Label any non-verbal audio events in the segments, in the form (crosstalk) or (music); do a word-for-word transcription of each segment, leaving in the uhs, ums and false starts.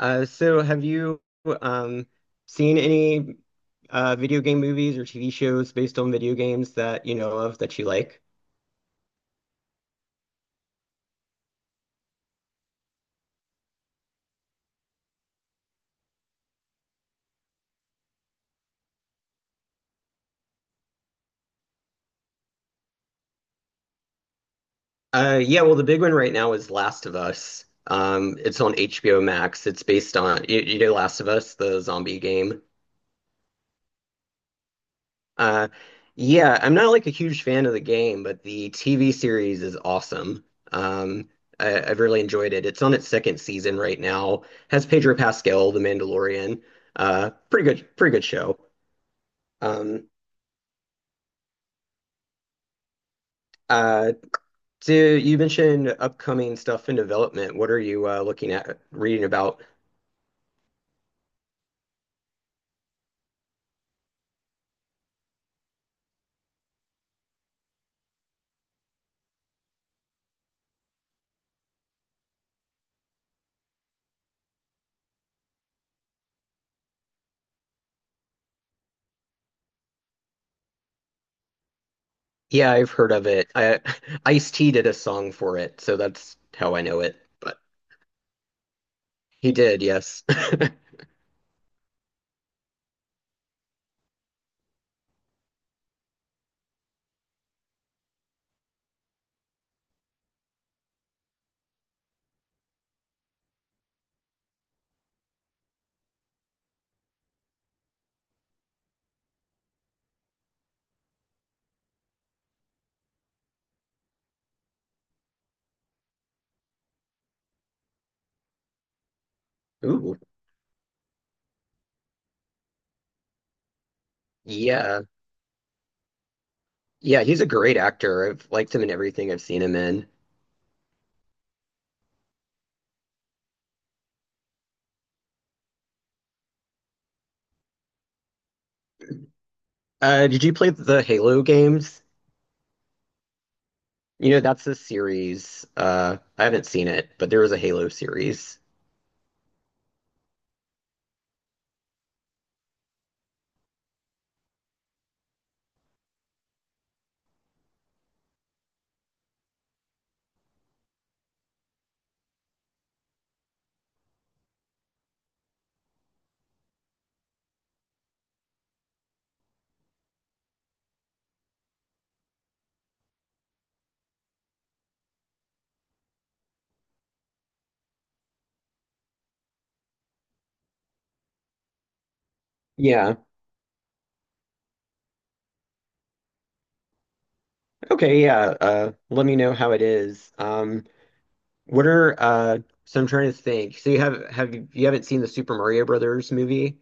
Uh, so have you um, seen any uh, video game movies or T V shows based on video games that you know of that you like? Uh, yeah, well, the big one right now is Last of Us. Um, it's on H B O Max. It's based on you, you know Last of Us, the zombie game. Uh, yeah, I'm not like a huge fan of the game, but the T V series is awesome. Um, I, I've really enjoyed it. It's on its second season right now. Has Pedro Pascal, the Mandalorian. Uh, pretty good, pretty good show. Um. Uh. so You mentioned upcoming stuff in development. What are you uh, looking at reading about? Yeah, I've heard of it. I, (laughs) Ice-T did a song for it, so that's how I know it. But he did, yes. (laughs) Ooh, yeah. Yeah, he's a great actor. I've liked him in everything I've seen him in. Uh, did you play the Halo games? You know, that's a series. Uh, I haven't seen it, but there was a Halo series. Yeah. Okay, yeah. Uh, let me know how it is. Um, What are uh so I'm trying to think. So you have have you, you haven't seen the Super Mario Brothers movie?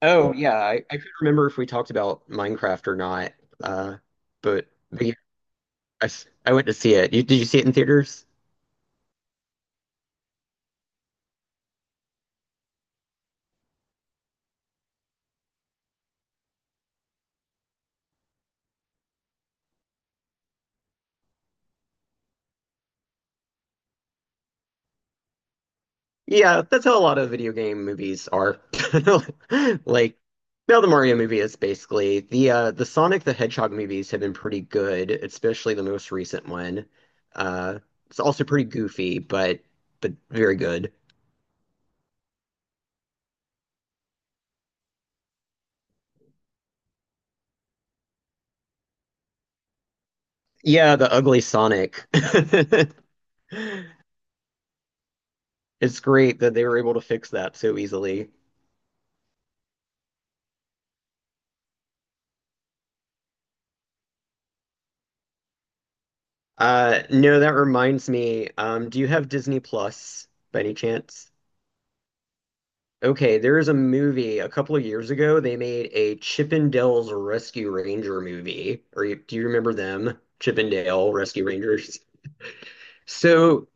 Oh yeah, I, I couldn't remember if we talked about Minecraft or not. Uh but, but yeah, I, s- I went to see it. You, did you see it in theaters? Yeah, that's how a lot of video game movies are. (laughs) Like now the Mario movie is basically the uh the Sonic the Hedgehog movies have been pretty good, especially the most recent one. Uh it's also pretty goofy, but but very good. Yeah, the ugly Sonic. (laughs) It's great that they were able to fix that so easily. Uh, no, that reminds me. Um, do you have Disney Plus by any chance? Okay, there is a movie a couple of years ago. They made a Chippendales Rescue Ranger movie. Or you, do you remember them? Chippendale Rescue Rangers. So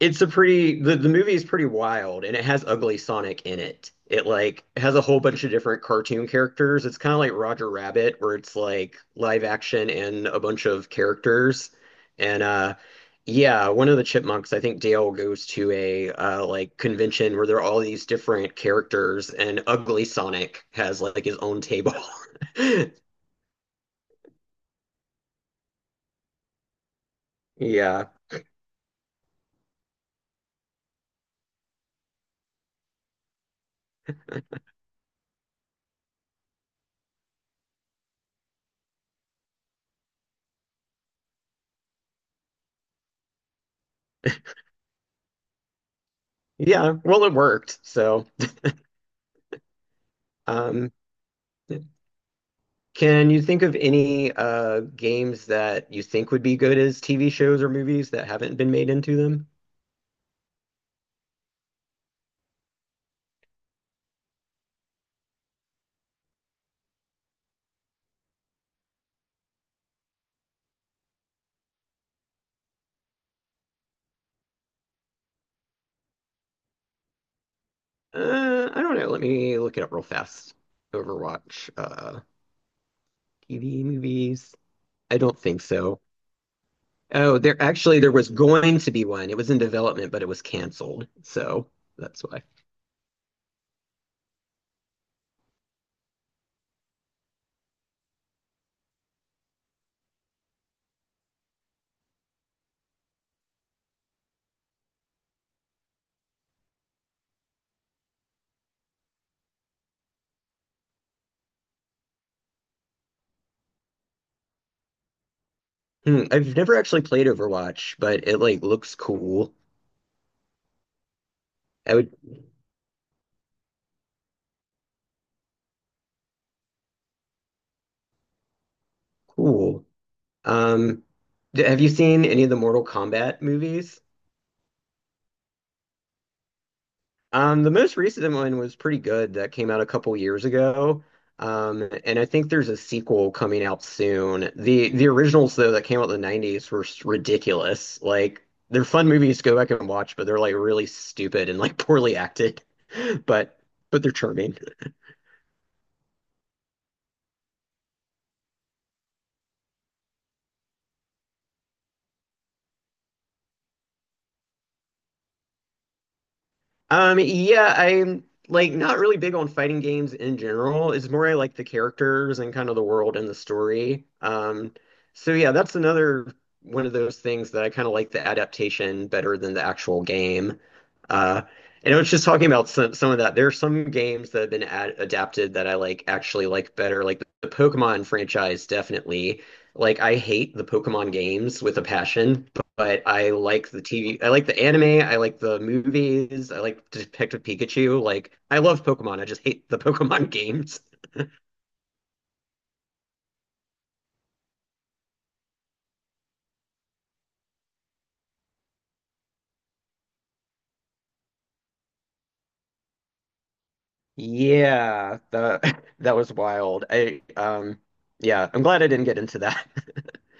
It's a pretty the, the movie is pretty wild and it has Ugly Sonic in it. It like has a whole bunch of different cartoon characters. It's kind of like Roger Rabbit where it's like live action and a bunch of characters. And uh yeah, one of the chipmunks, I think Dale goes to a uh like convention where there are all these different characters and Ugly Sonic has like his own table. (laughs) Yeah. Yeah, well it worked. So, um Can you think of any uh, games that you think would be good as T V shows or movies that haven't been made into them? Uh, I don't know. Let me look it up real fast. Overwatch, uh, T V movies. I don't think so. Oh, there actually there was going to be one. It was in development, but it was canceled. So that's why. Hmm, I've never actually played Overwatch, but it like looks cool. I would cool. Um, d- have you seen any of the Mortal Kombat movies? Um, the most recent one was pretty good that came out a couple years ago. Um, and I think there's a sequel coming out soon. The the originals though that came out in the nineties were s- ridiculous. Like they're fun movies to go back and watch, but they're like really stupid and like poorly acted. (laughs) But but they're charming. Um, yeah, I'm like not really big on fighting games in general. It's more I like the characters and kind of the world and the story. Um, so yeah, that's another one of those things that I kind of like the adaptation better than the actual game. Uh, and I was just talking about some, some of that. There are some games that have been ad adapted that I like actually like better. Like the Pokemon franchise, definitely. Like I hate the Pokemon games with a passion, but I like the T V. I like the anime. I like the movies. I like Detective Pikachu. Like I love Pokemon. I just hate the (laughs) Pokemon games. Yeah, that (laughs) that was wild. I um yeah, I'm glad I didn't get into that. (laughs)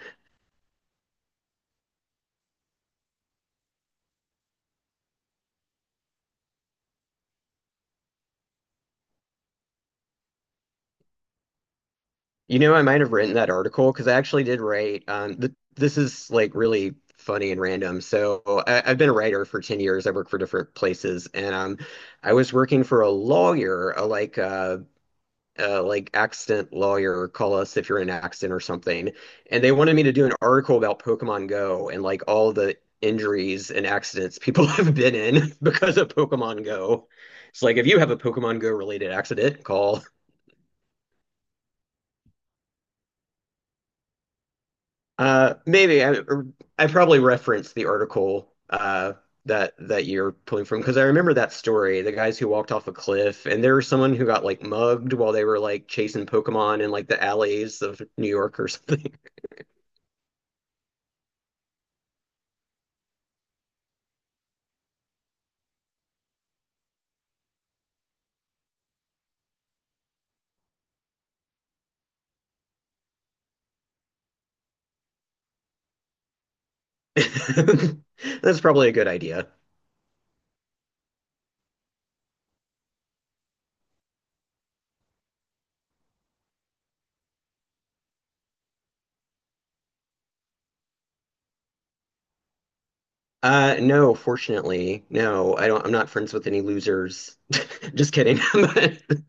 You know, I might have written that article because I actually did write. Um, th this is like really funny and random. So I, I've been a writer for ten years. I work for different places, and um, I was working for a lawyer, a like uh, uh, like accident lawyer. Call us if you're in an accident or something. And they wanted me to do an article about Pokemon Go and like all the injuries and accidents people (laughs) have been in because of Pokemon Go. It's like if you have a Pokemon Go related accident, call. Uh, maybe I I probably referenced the article uh, that that you're pulling from because I remember that story, the guys who walked off a cliff, and there was someone who got like mugged while they were like chasing Pokemon in like the alleys of New York or something. (laughs) That's probably a good idea. Uh, no, fortunately, no, I don't. I'm not friends with any losers. (laughs) Just kidding. (laughs)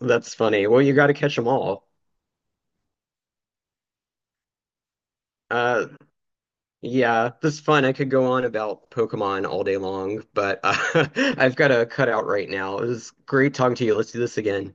That's funny. Well, you got to catch them all. Uh, Yeah, this is fun. I could go on about Pokemon all day long, but uh, (laughs) I've got to cut out right now. It was great talking to you. Let's do this again.